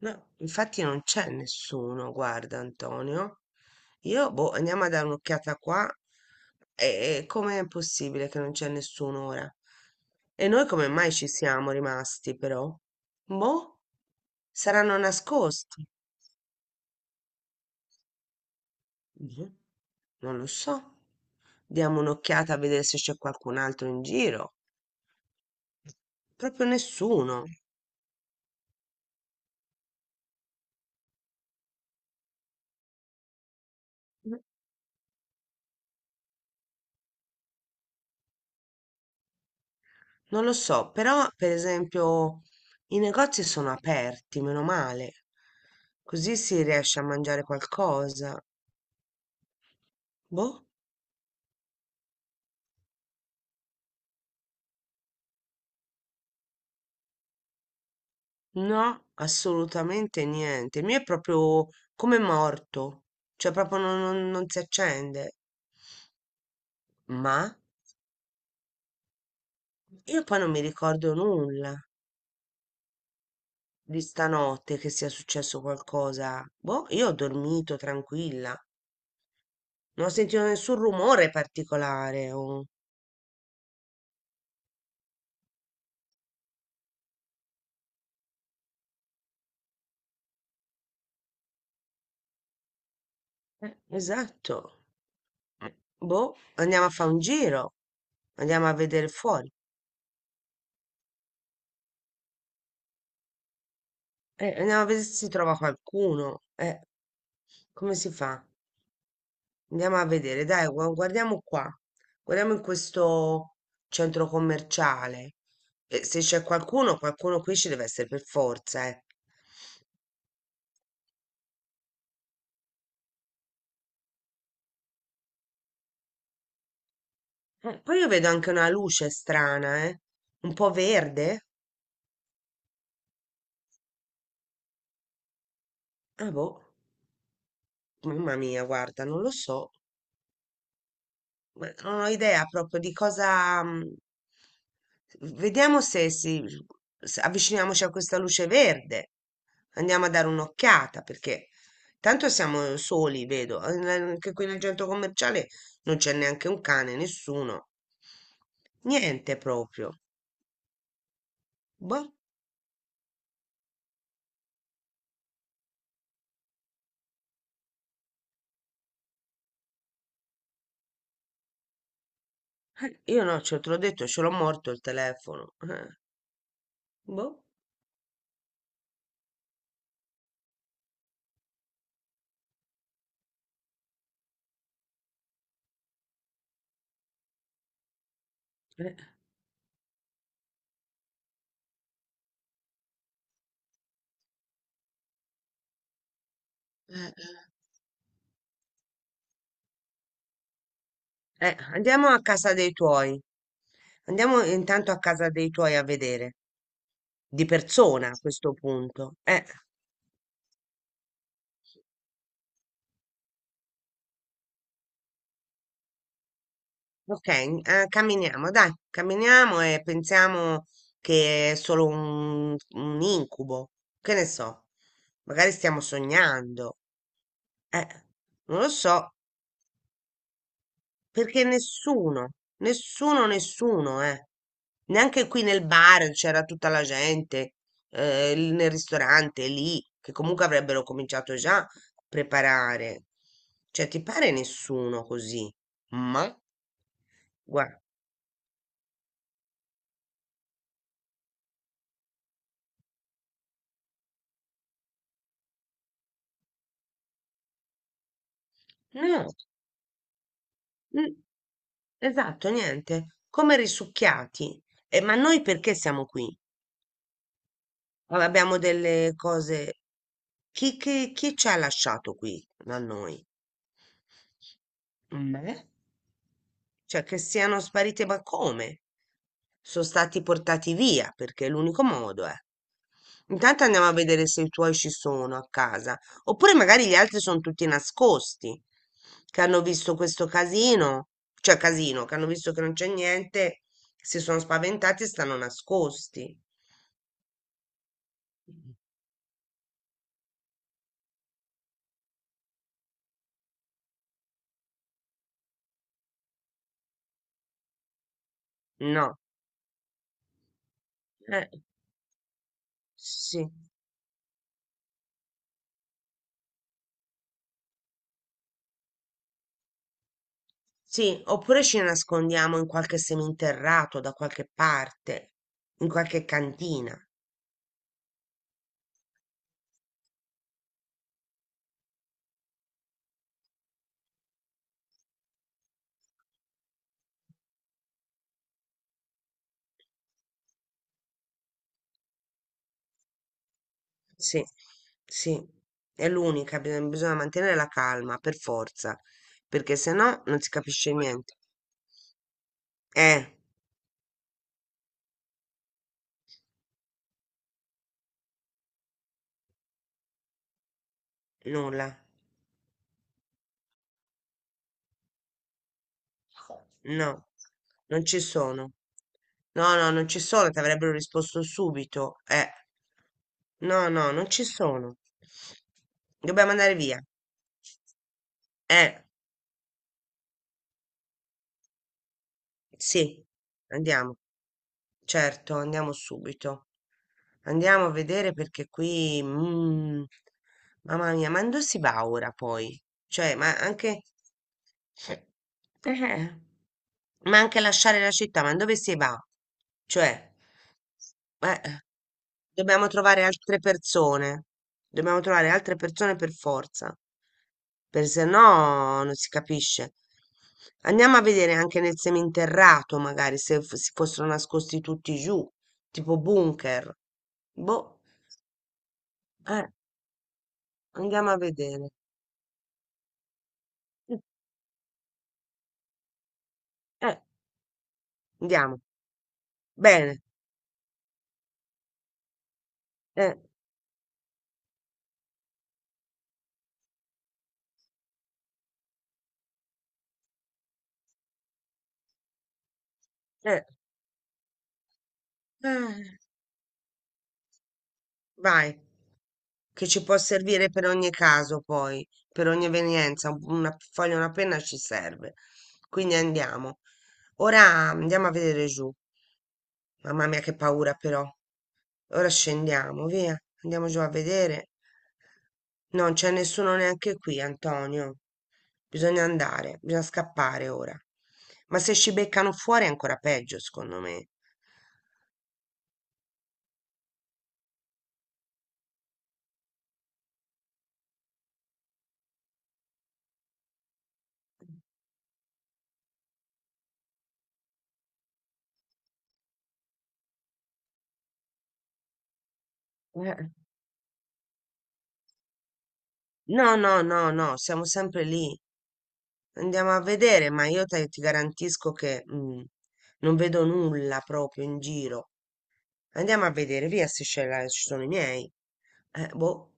No, infatti non c'è nessuno, guarda Antonio. Io, boh, andiamo a dare un'occhiata qua. E com'è possibile che non c'è nessuno ora? E noi come mai ci siamo rimasti, però? Boh, saranno nascosti. Boh, non lo so. Diamo un'occhiata a vedere se c'è qualcun altro in giro. Proprio nessuno. Non lo so, però per esempio i negozi sono aperti, meno male. Così si riesce a mangiare qualcosa. Boh, no, assolutamente niente. Il mio è proprio come morto, cioè proprio non si accende. Ma io poi non mi ricordo nulla di stanotte che sia successo qualcosa. Boh, io ho dormito tranquilla, non ho sentito nessun rumore particolare. Esatto. Boh, andiamo a fare un giro, andiamo a vedere fuori, andiamo a vedere se si trova qualcuno. Come si fa? Andiamo a vedere, dai, guardiamo qua, guardiamo in questo centro commerciale. Se c'è qualcuno, qualcuno qui ci deve essere per forza, eh. Poi io vedo anche una luce strana, un po' verde. Ah, boh, mamma mia, guarda, non lo so. Beh, non ho idea proprio di cosa. Vediamo se avviciniamoci a questa luce verde. Andiamo a dare un'occhiata perché tanto siamo soli, vedo. Anche qui nel centro commerciale non c'è neanche un cane, nessuno. Niente proprio. Boh, io no, ce te l'ho detto, ce l'ho morto il telefono. Boh. Eh, Eh, eh, andiamo a casa dei tuoi. Andiamo intanto a casa dei tuoi a vedere di persona a questo punto. Ok, camminiamo, dai, camminiamo e pensiamo che è solo un incubo. Che ne so, magari stiamo sognando. Eh, non lo so, perché nessuno, nessuno, nessuno, eh. Neanche qui nel bar c'era tutta la gente, nel ristorante lì, che comunque avrebbero cominciato già a preparare. Cioè, ti pare nessuno così? Ma? Guarda, no, n- esatto, niente, come risucchiati. Ma noi perché siamo qui? Ah, abbiamo delle cose. Chi ci ha lasciato qui da noi? Me? Cioè che siano sparite, ma come? Sono stati portati via perché è l'unico modo, eh. Intanto andiamo a vedere se i tuoi ci sono a casa, oppure magari gli altri sono tutti nascosti, che hanno visto questo casino, cioè casino, che hanno visto che non c'è niente, si sono spaventati e stanno nascosti. No, eh, sì, sì, oppure ci nascondiamo in qualche seminterrato da qualche parte, in qualche cantina. Sì, sì, è l'unica, bisogna mantenere la calma per forza, perché se no non si capisce niente. Eh, nulla, no, non ci sono. No, no, non ci sono, ti avrebbero risposto subito. No, no, non ci sono. Dobbiamo andare via. Eh. Sì, andiamo. Certo, andiamo subito. Andiamo a vedere perché qui, mamma mia, ma non si va ora poi? Cioè, ma anche... Eh. Eh, ma anche lasciare la città, ma dove si va? Cioè, eh, dobbiamo trovare altre persone, dobbiamo trovare altre persone per forza, per se no non si capisce. Andiamo a vedere anche nel seminterrato, magari se f- si fossero nascosti tutti giù, tipo bunker. Boh, eh, andiamo a vedere. Eh, andiamo. Bene. Eh, eh, eh, vai. Che ci può servire per ogni caso, poi, per ogni evenienza, una foglia, una penna ci serve. Quindi andiamo. Ora andiamo a vedere giù. Mamma mia, che paura però. Ora scendiamo, via. Andiamo giù a vedere. Non c'è nessuno neanche qui, Antonio. Bisogna andare, bisogna scappare ora. Ma se ci beccano fuori è ancora peggio, secondo me. Eh. No, no, no, no, siamo sempre lì. Andiamo a vedere, ma io ti garantisco che non vedo nulla proprio in giro. Andiamo a vedere, via Seychelles, ci sono i miei. Boh.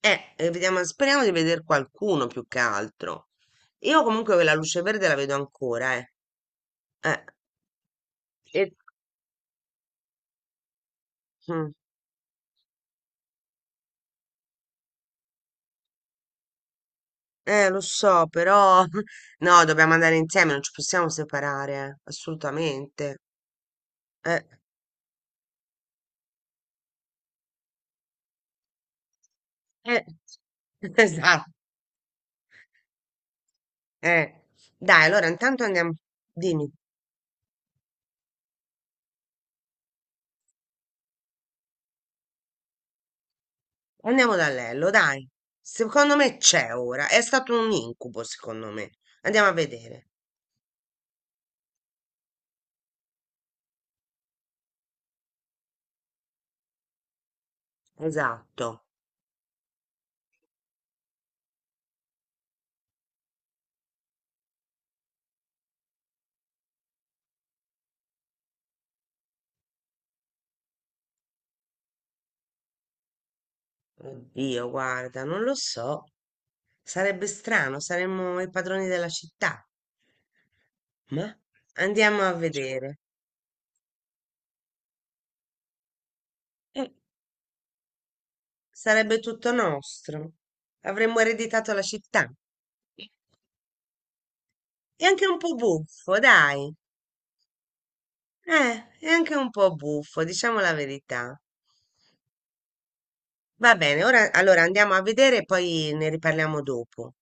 Vediamo, speriamo di vedere qualcuno più che altro. Io comunque la luce verde la vedo ancora, eh. Eh, e- mm. Lo so, però no, dobbiamo andare insieme, non ci possiamo separare, assolutamente. Eh, eh, esatto. Eh, dai, allora intanto andiamo, dimmi, andiamo da Lello, dai. Secondo me c'è ora, è stato un incubo, secondo me. Andiamo a vedere. Esatto. Oddio, guarda, non lo so. Sarebbe strano, saremmo i padroni della città. Ma andiamo a vedere. Eh, sarebbe tutto nostro. Avremmo ereditato la città. È anche un po' buffo, dai. È anche un po' buffo, diciamo la verità. Va bene, ora allora andiamo a vedere e poi ne riparliamo dopo.